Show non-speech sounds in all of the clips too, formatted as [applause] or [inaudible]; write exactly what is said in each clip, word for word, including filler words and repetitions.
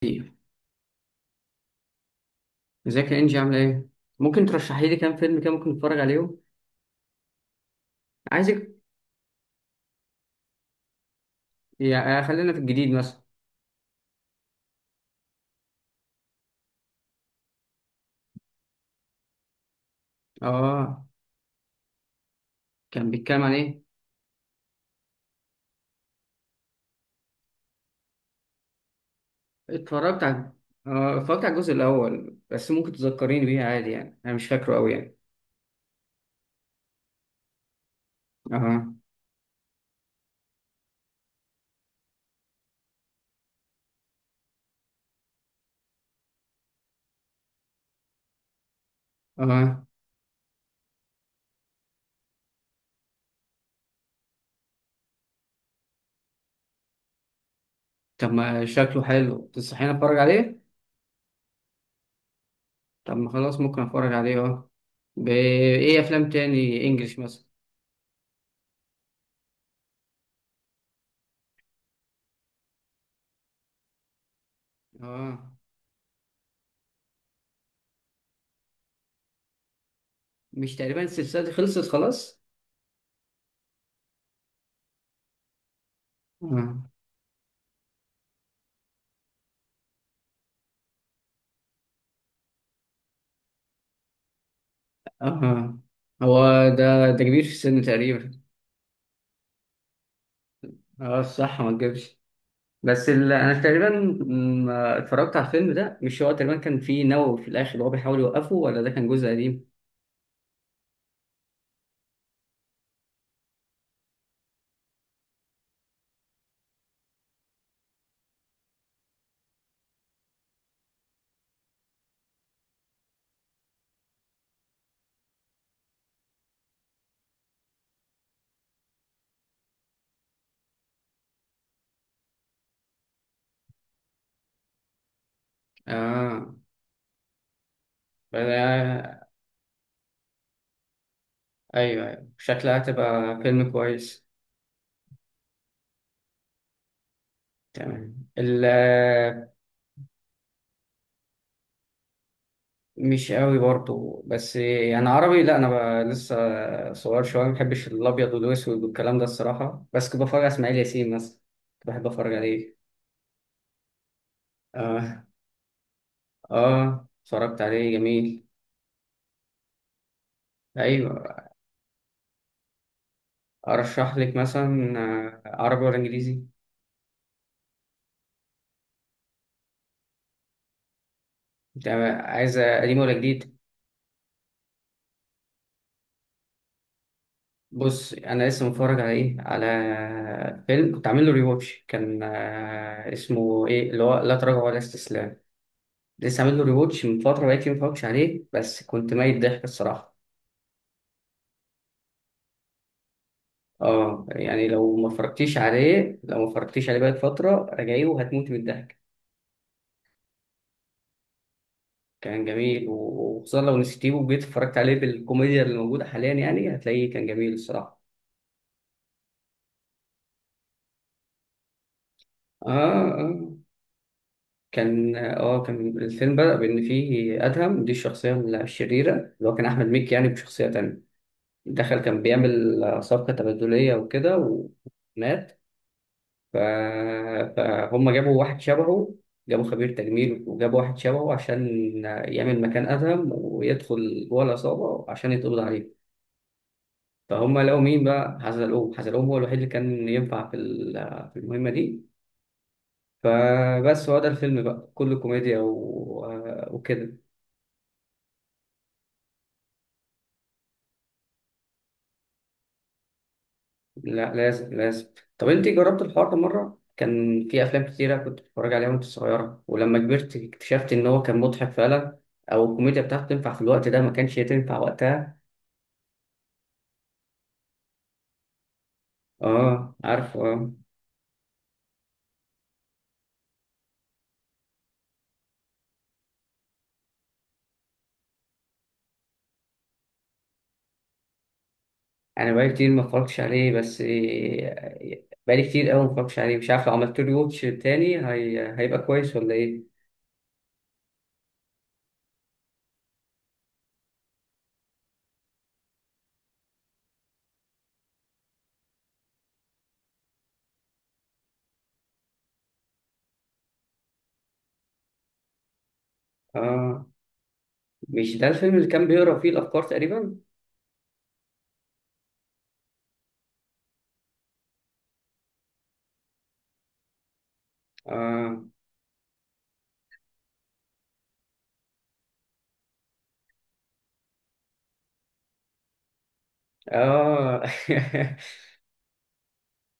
كتير. ازيك يا انجي، عامله ايه؟ ممكن ترشحي لي كام فيلم كده ممكن نتفرج عليهم؟ عايزك. يا آه، خلينا في الجديد مثلا. اه. كان بيتكلم عن ايه؟ اتفرجت على اه اتفرجت على الجزء الاول، بس ممكن تذكريني بيه عادي يعني، انا مش فاكره قوي يعني. اه. اه. طب ما شكله حلو، تنصحيني اتفرج عليه؟ طب ما خلاص ممكن اتفرج عليه. اه. بايه افلام تاني، انجلش مثلا؟ اه. مش تقريبا السلسله دي خلصت خلاص؟ اه. اه. هو ده ده كبير في السن تقريبا؟ اه، صح، ما تجيبش. بس ال... انا تقريبا ما اتفرجت على الفيلم ده. مش هو تقريبا كان فيه نووي في الاخر وهو بيحاول يوقفه، ولا ده كان جزء قديم؟ اه. بلا... ايوه ايوه، شكلها هتبقى فيلم كويس. تمام. ال... مش قوي برضو، بس يعني عربي لا، انا ب... لسه صغير شويه، ما بحبش الابيض والاسود والكلام ده الصراحه، بس كنت بتفرج على اسماعيل ياسين مثلا، كنت بحب اتفرج عليه. اه. اه، اتفرجت عليه، جميل. ايوه. ارشح لك مثلا، آه، عربي ولا انجليزي؟ انت عايزه قديم ولا جديد؟ بص، انا لسه متفرج على ايه على فيلم كنت عامل له ريواتش، كان آه، اسمه ايه اللي هو لا تراجع ولا استسلام. لسه عامل له ريواتش من فتره، بقيت ما اتفرجتش عليه، بس كنت ميت ضحك الصراحه. اه، يعني لو ما اتفرجتيش عليه، لو ما اتفرجتيش عليه بقالك فتره راجعيه وهتموتي من الضحك. كان جميل و- وخصوصا لو نسيتيه وجيت اتفرجت عليه، بالكوميديا اللي موجوده حاليا يعني هتلاقيه كان جميل الصراحه. اه. اه، كان اه كان الفيلم بدأ بإن فيه أدهم، دي الشخصية الشريرة اللي هو كان أحمد مكي يعني بشخصية تانية، دخل كان بيعمل صفقة تبادلية وكده ومات. ف... فهم جابوا واحد شبهه، جابوا خبير تجميل وجابوا واحد شبهه عشان يعمل مكان أدهم ويدخل جوه العصابة عشان يتقبض عليه. فهم لقوا مين بقى؟ حزلقوم. حزلقوم هو الوحيد اللي كان ينفع في ال- في المهمة دي. فبس هو ده الفيلم بقى كله كوميديا و... آه، وكده. لا لازم لازم. طب انت جربت الحوار ده مره؟ كان في افلام كتيره كنت بتتفرج عليها وانت صغيره، ولما كبرت اكتشفت ان هو كان مضحك فعلا، او الكوميديا بتاعته تنفع في الوقت ده، ما كانش تنفع وقتها. اه، عارفه، اه. انا بقالي كتير ما اتفرجتش عليه، بس إيه، بقالي كتير قوي ما اتفرجتش عليه، مش عارف لو عملت له واتش تاني هي... هيبقى كويس ولا ايه. اه. مش ده الفيلم اللي كان بيقرا فيه الافكار تقريبا؟ اه. اه.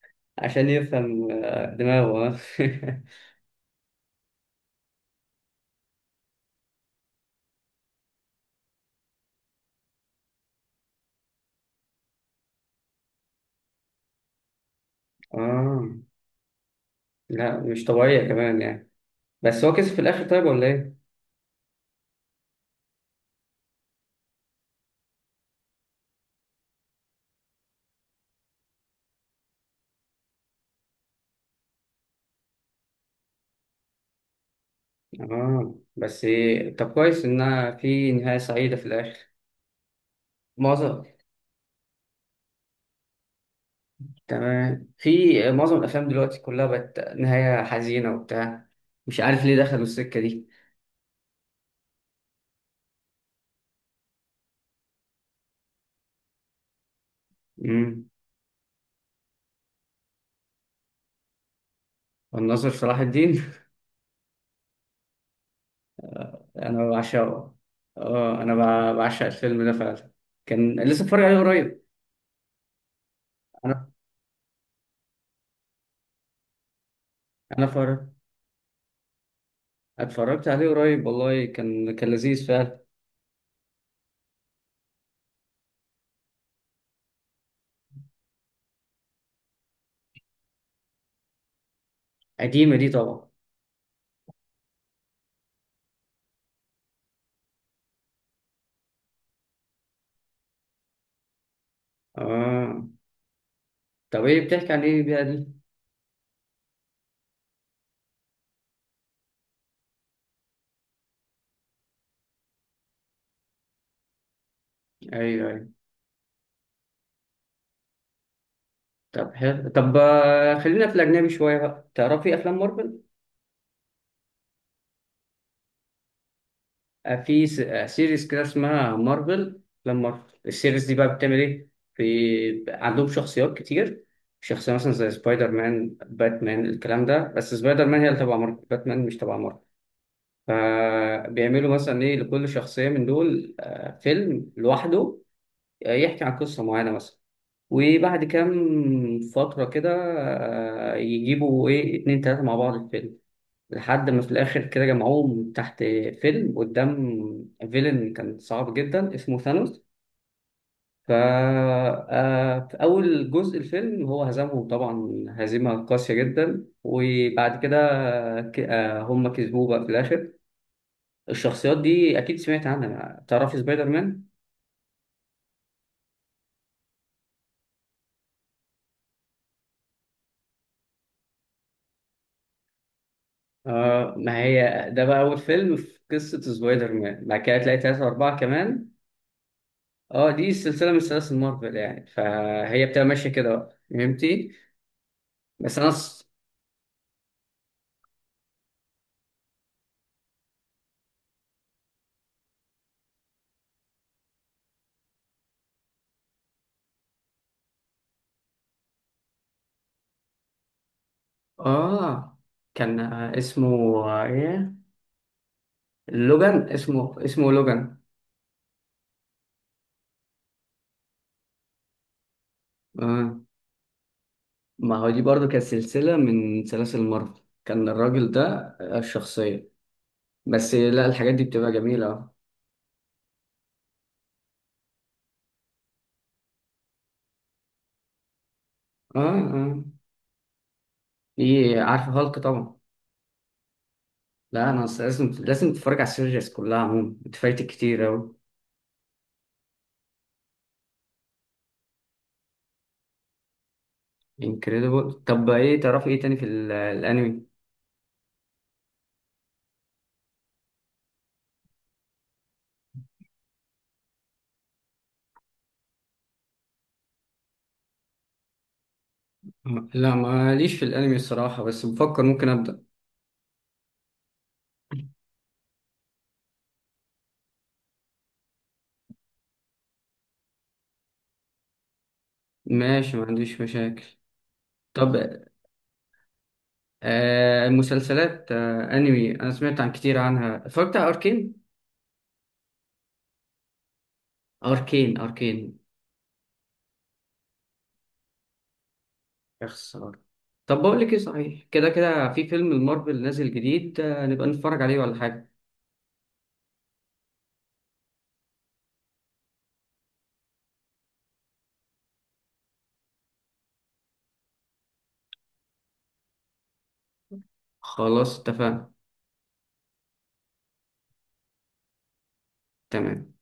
[laughs] عشان يفهم آه، دماغه آه. [laughs] اه. لا مش طبيعية كمان يعني، بس هو كسب في الآخر، طيب ولا إيه؟ اه، بس إيه، طب كويس إنها في نهاية سعيدة في الآخر. معظم تمام. في معظم الأفلام دلوقتي كلها بقت نهاية حزينة وبتاع، مش عارف ليه دخلوا السكة دي. امم الناظر صلاح الدين [laughs] أنا بعشقه. اه، أنا بع- بعشق الفيلم ده فعلا، كان لسه اتفرج عليه قريب. أنا أنا اتفرج- اتفرجت عليه قريب والله، كان كان لذيذ فعلا. قديمة دي طبعا. اه، طب ايه بتحكي عن ايه بقى دي؟ ايوه، ايوه. طب حلو. طب آه، خلينا في الاجنبي شويه بقى، تعرفي افلام مارفل؟ آه، في س- آه، سيريز كده اسمها مارفل. افلام مارفل السيريز دي بقى بتعمل ايه؟ في عندهم شخصيات كتير، شخصيه مثلا زي سبايدر مان، باتمان، الكلام ده. بس سبايدر مان هي اللي تبع مارفل، باتمان مش تبع مارفل. فبيعملوا مثلا ايه لكل شخصيه من دول آه، فيلم لوحده، آه، يحكي عن قصه معينه مثلا. وبعد كام فترة كده آه، يجيبوا إيه اتنين تلاتة مع بعض الفيلم، لحد ما في الآخر كده جمعوهم تحت فيلم قدام فيلن كان صعب جدا اسمه ثانوس. فا آه، في أول جزء الفيلم هو هزمهم طبعا هزيمة قاسية جدا، وبعد كده ك- آه، هم كسبوه بقى في الآخر. الشخصيات دي أكيد سمعت عنها، تعرفي سبايدر مان؟ آه، ما هي ده بقى أول فيلم في قصة سبايدر مان، بعد كده تلاقي تلاتة أربعة كمان. اه، دي سلسله من سلاسل مارفل يعني، فهي بتبقى ماشيه كده بقى، فهمتي؟ بس انا ص... اه، كان آه، اسمه آه، ايه لوجان، اسمه اسمه لوجان. اه، ما هو دي برضو كانت سلسله من سلاسل مارفل، كان الراجل ده آه، الشخصيه. بس لا الحاجات دي بتبقى جميله. اه. اه، دي عارفه هالك طبعا. لا انا أصل لازم لازم تتفرج على السيريز كلها عموما، انت فايتك كتير اوي. انكريدبل. طب ايه تعرفي ايه تاني في ال- الانمي؟ م- لا ماليش في الانمي الصراحة، بس بفكر ممكن ابدأ. ماشي، ما عنديش مشاكل. طب آه المسلسلات، آه انمي، انا سمعت عن كتير عنها، اتفرجت على اركين. اركين، اركين. يا خسارة. طب بقول لك ايه، صحيح، كده كده في فيلم المارفل نازل جديد، آه نبقى نتفرج عليه ولا حاجة. خلاص اتفقنا. تمام.